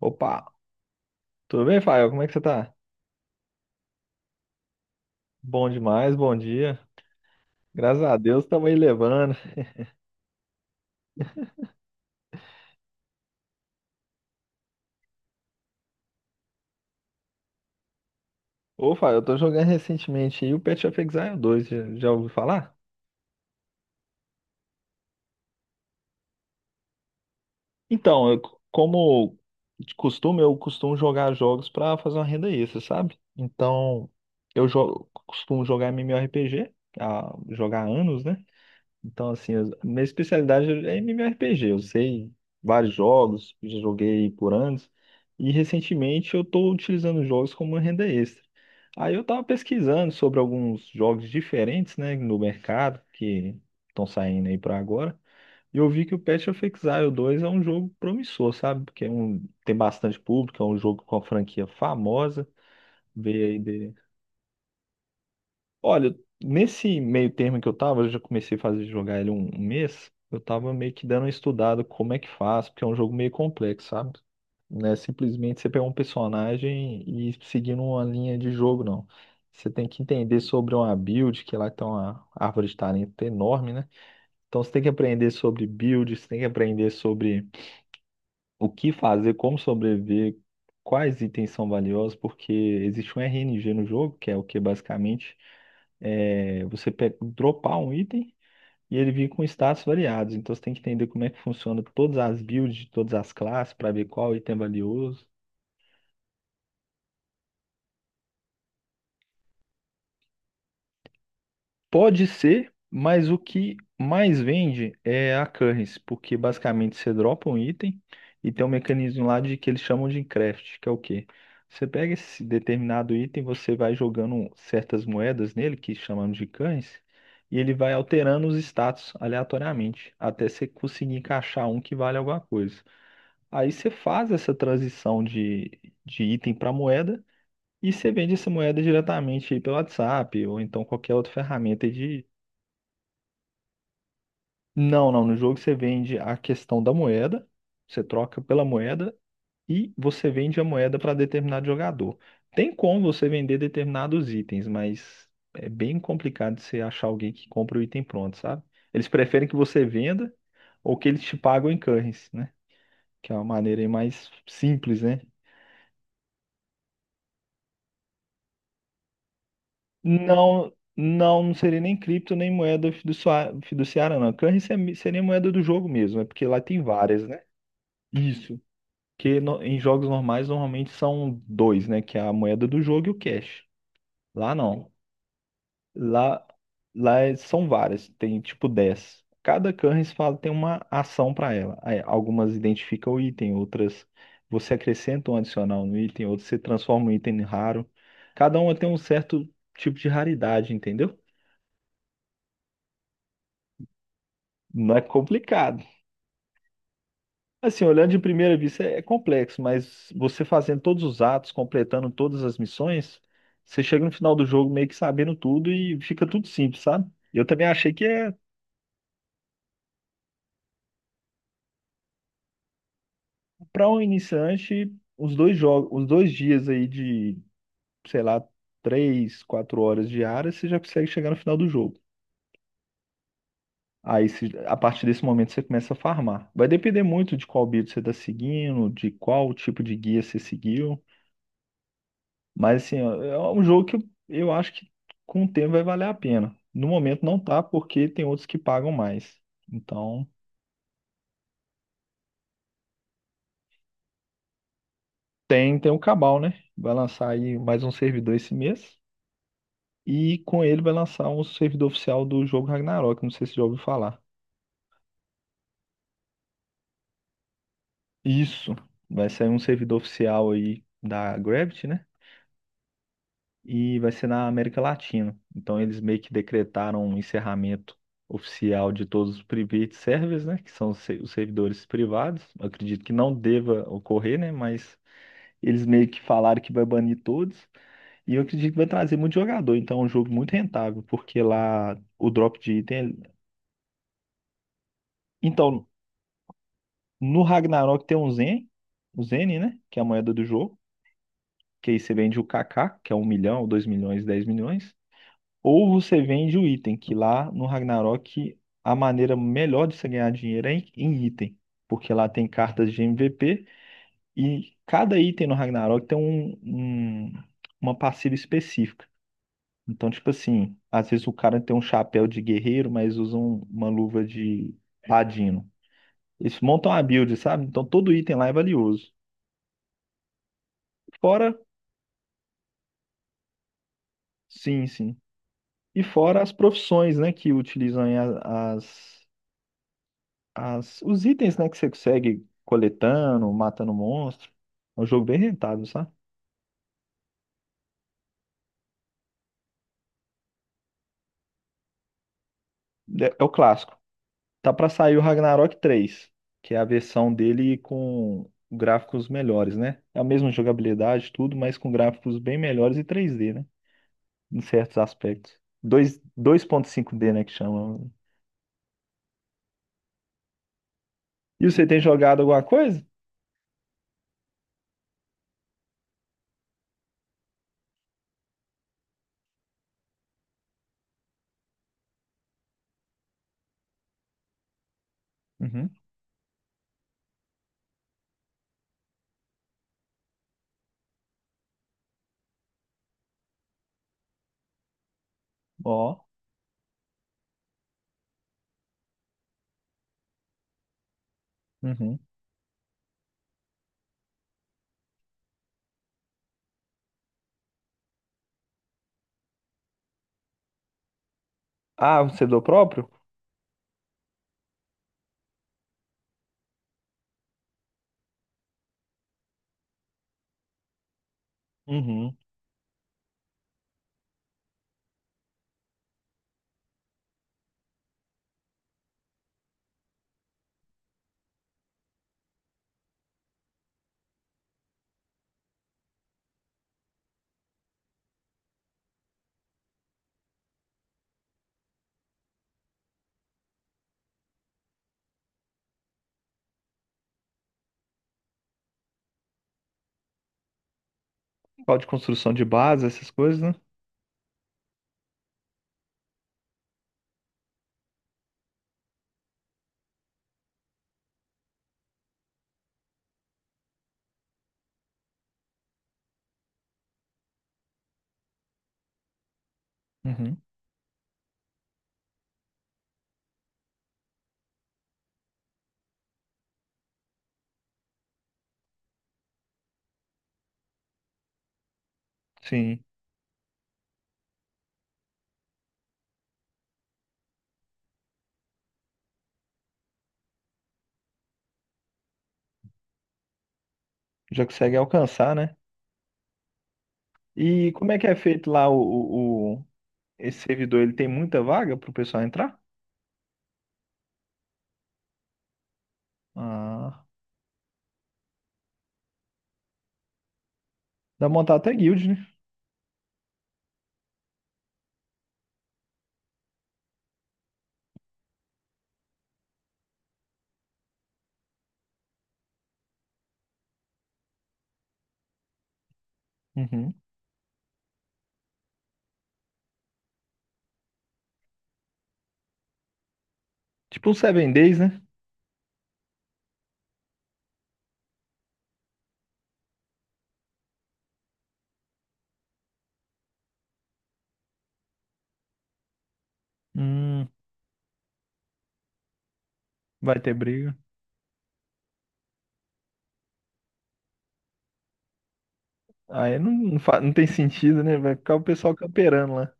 Opa, tudo bem, Fael? Como é que você tá? Bom demais, bom dia. Graças a Deus, estamos aí levando. Ô, Fael, eu tô jogando recentemente aí o Path of Exile 2, já ouviu falar? Então, como de costume, eu costumo jogar jogos pra fazer uma renda extra, sabe? Então, costumo jogar MMORPG, jogar há anos, né? Então, assim, minha especialidade é MMORPG. Eu sei vários jogos, já joguei por anos, e recentemente eu estou utilizando jogos como uma renda extra. Aí eu estava pesquisando sobre alguns jogos diferentes, né, no mercado, que estão saindo aí para agora, e eu vi que o Path of Exile 2 é um jogo promissor, sabe? Porque tem bastante público, é um jogo com a franquia famosa. Veio aí de Olha, nesse meio termo que eu tava, eu já comecei a fazer jogar ele um mês. Eu tava meio que dando uma estudada como é que faz, porque é um jogo meio complexo, sabe? Não é simplesmente você pegar um personagem e seguir uma linha de jogo, não. Você tem que entender sobre uma build, que lá tem uma árvore de talento enorme, né? Então você tem que aprender sobre build, você tem que aprender sobre o que fazer, como sobreviver, quais itens são valiosos, porque existe um RNG no jogo, que é o que basicamente dropar um item e ele vir com status variados. Então você tem que entender como é que funciona todas as builds de todas as classes para ver qual item é valioso. Pode ser, mas o que mais vende é a currency, porque basicamente você dropa um item e tem um mecanismo lá de que eles chamam de craft, que é o quê? Você pega esse determinado item, você vai jogando certas moedas nele, que chamamos de currency, e ele vai alterando os status aleatoriamente, até você conseguir encaixar um que vale alguma coisa. Aí você faz essa transição de item para moeda. E você vende essa moeda diretamente aí pelo WhatsApp ou então qualquer outra ferramenta. Não, não. No jogo você vende a questão da moeda, você troca pela moeda e você vende a moeda para determinado jogador. Tem como você vender determinados itens, mas é bem complicado você achar alguém que compra o item pronto, sabe? Eles preferem que você venda ou que eles te pagam em currency, né? Que é uma maneira aí mais simples, né? Não, não, não seria nem cripto, nem moeda fiduciária, não. Currency seria moeda do jogo mesmo, é porque lá tem várias, né? Isso. Que em jogos normais normalmente são dois, né? Que é a moeda do jogo e o cash. Lá não. Lá, lá são várias, tem tipo 10. Cada currency fala tem uma ação para ela. Aí, algumas identificam o item, outras você acrescenta um adicional no item, outras você transforma um item em raro. Cada uma tem um certo tipo de raridade, entendeu? Não é complicado. Assim, olhando de primeira vista é complexo, mas você fazendo todos os atos, completando todas as missões, você chega no final do jogo meio que sabendo tudo e fica tudo simples, sabe? Eu também achei que é, para um iniciante, os dois jogos, os 2 dias aí de, sei lá, 3, 4 horas diárias, você já consegue chegar no final do jogo. Aí, a partir desse momento, você começa a farmar. Vai depender muito de qual build você está seguindo, de qual tipo de guia você seguiu. Mas assim, ó, é um jogo que eu acho que com o tempo vai valer a pena. No momento não tá, porque tem outros que pagam mais. Então, tem o Cabal, né? Vai lançar aí mais um servidor esse mês. E com ele vai lançar um servidor oficial do jogo Ragnarok. Não sei se você já ouviu falar. Isso. Vai sair um servidor oficial aí da Gravity, né? E vai ser na América Latina. Então eles meio que decretaram um encerramento oficial de todos os private servers, né, que são os se- os servidores privados. Eu acredito que não deva ocorrer, né, mas eles meio que falaram que vai banir todos e eu acredito que vai trazer muito jogador. Então é um jogo muito rentável, porque lá o drop de item, é, então no Ragnarok tem um Zen, o Zen, né, que é a moeda do jogo. Que aí você vende o KK, que é 1 milhão, 2 milhões, 10 milhões. Ou você vende o item, que lá no Ragnarok a maneira melhor de você ganhar dinheiro é em item, porque lá tem cartas de MVP e cada item no Ragnarok tem uma passiva específica. Então, tipo assim, às vezes o cara tem um chapéu de guerreiro, mas usa uma luva de ladino. Eles montam a build, sabe? Então todo item lá é valioso. Fora, sim, sim. E fora as profissões, né, que utilizam aí os itens, né, que você consegue coletando, matando monstro. É um jogo bem rentável, sabe? É, é o clássico. Tá pra sair o Ragnarok 3, que é a versão dele com gráficos melhores, né? É a mesma jogabilidade, tudo, mas com gráficos bem melhores e 3D, né? Em certos aspectos. 2.5D, né, que chama. E você tem jogado alguma coisa? Uhum. Ó. Uhum. Ah, você é do próprio? Uhum. Código de construção de base, essas coisas, né? Uhum. Sim. Já consegue alcançar, né? E como é que é feito lá esse servidor? Ele tem muita vaga pro pessoal entrar? Ah, dá pra montar até guild, né? Uhum. Tipo um Seven Days, né? Hum, vai ter briga. Aí não, não tem sentido, né? Vai ficar o pessoal camperando lá.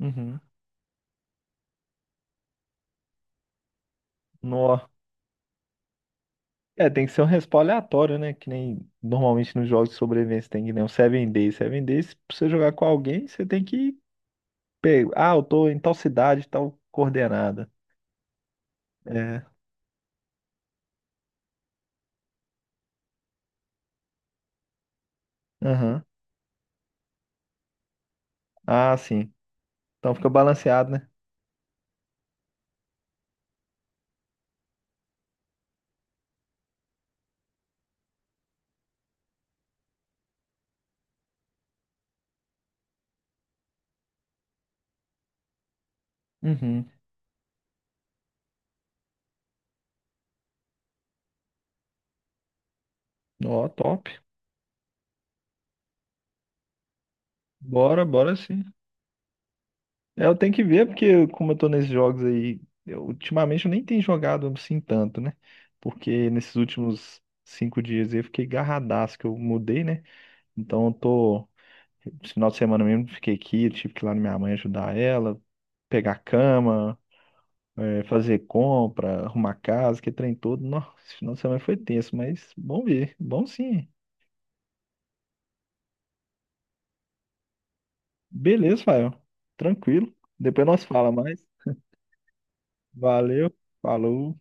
Uhum. Nó. É, tem que ser um respawn aleatório, né? Que nem normalmente nos jogos de sobrevivência, tem que nem um Seven Days. Seven Days, pra você jogar com alguém, você tem que pegar. Ah, eu tô em tal cidade, tal coordenada. É. Aham. Ah, sim. Então fica balanceado, né? Uhum. Ó, top. Bora, bora sim. É, eu tenho que ver, porque como eu tô nesses jogos aí, ultimamente eu nem tenho jogado assim tanto, né? Porque nesses últimos 5 dias aí eu fiquei garradaço que eu mudei, né? Então eu tô. Esse final de semana mesmo eu fiquei aqui, eu tive que ir lá na minha mãe ajudar ela, pegar a cama, é, fazer compra, arrumar casa, que trem todo. Nossa, esse final de semana foi tenso, mas bom ver, bom sim. Beleza, Fael. Tranquilo. Depois nós fala mais. Valeu, falou.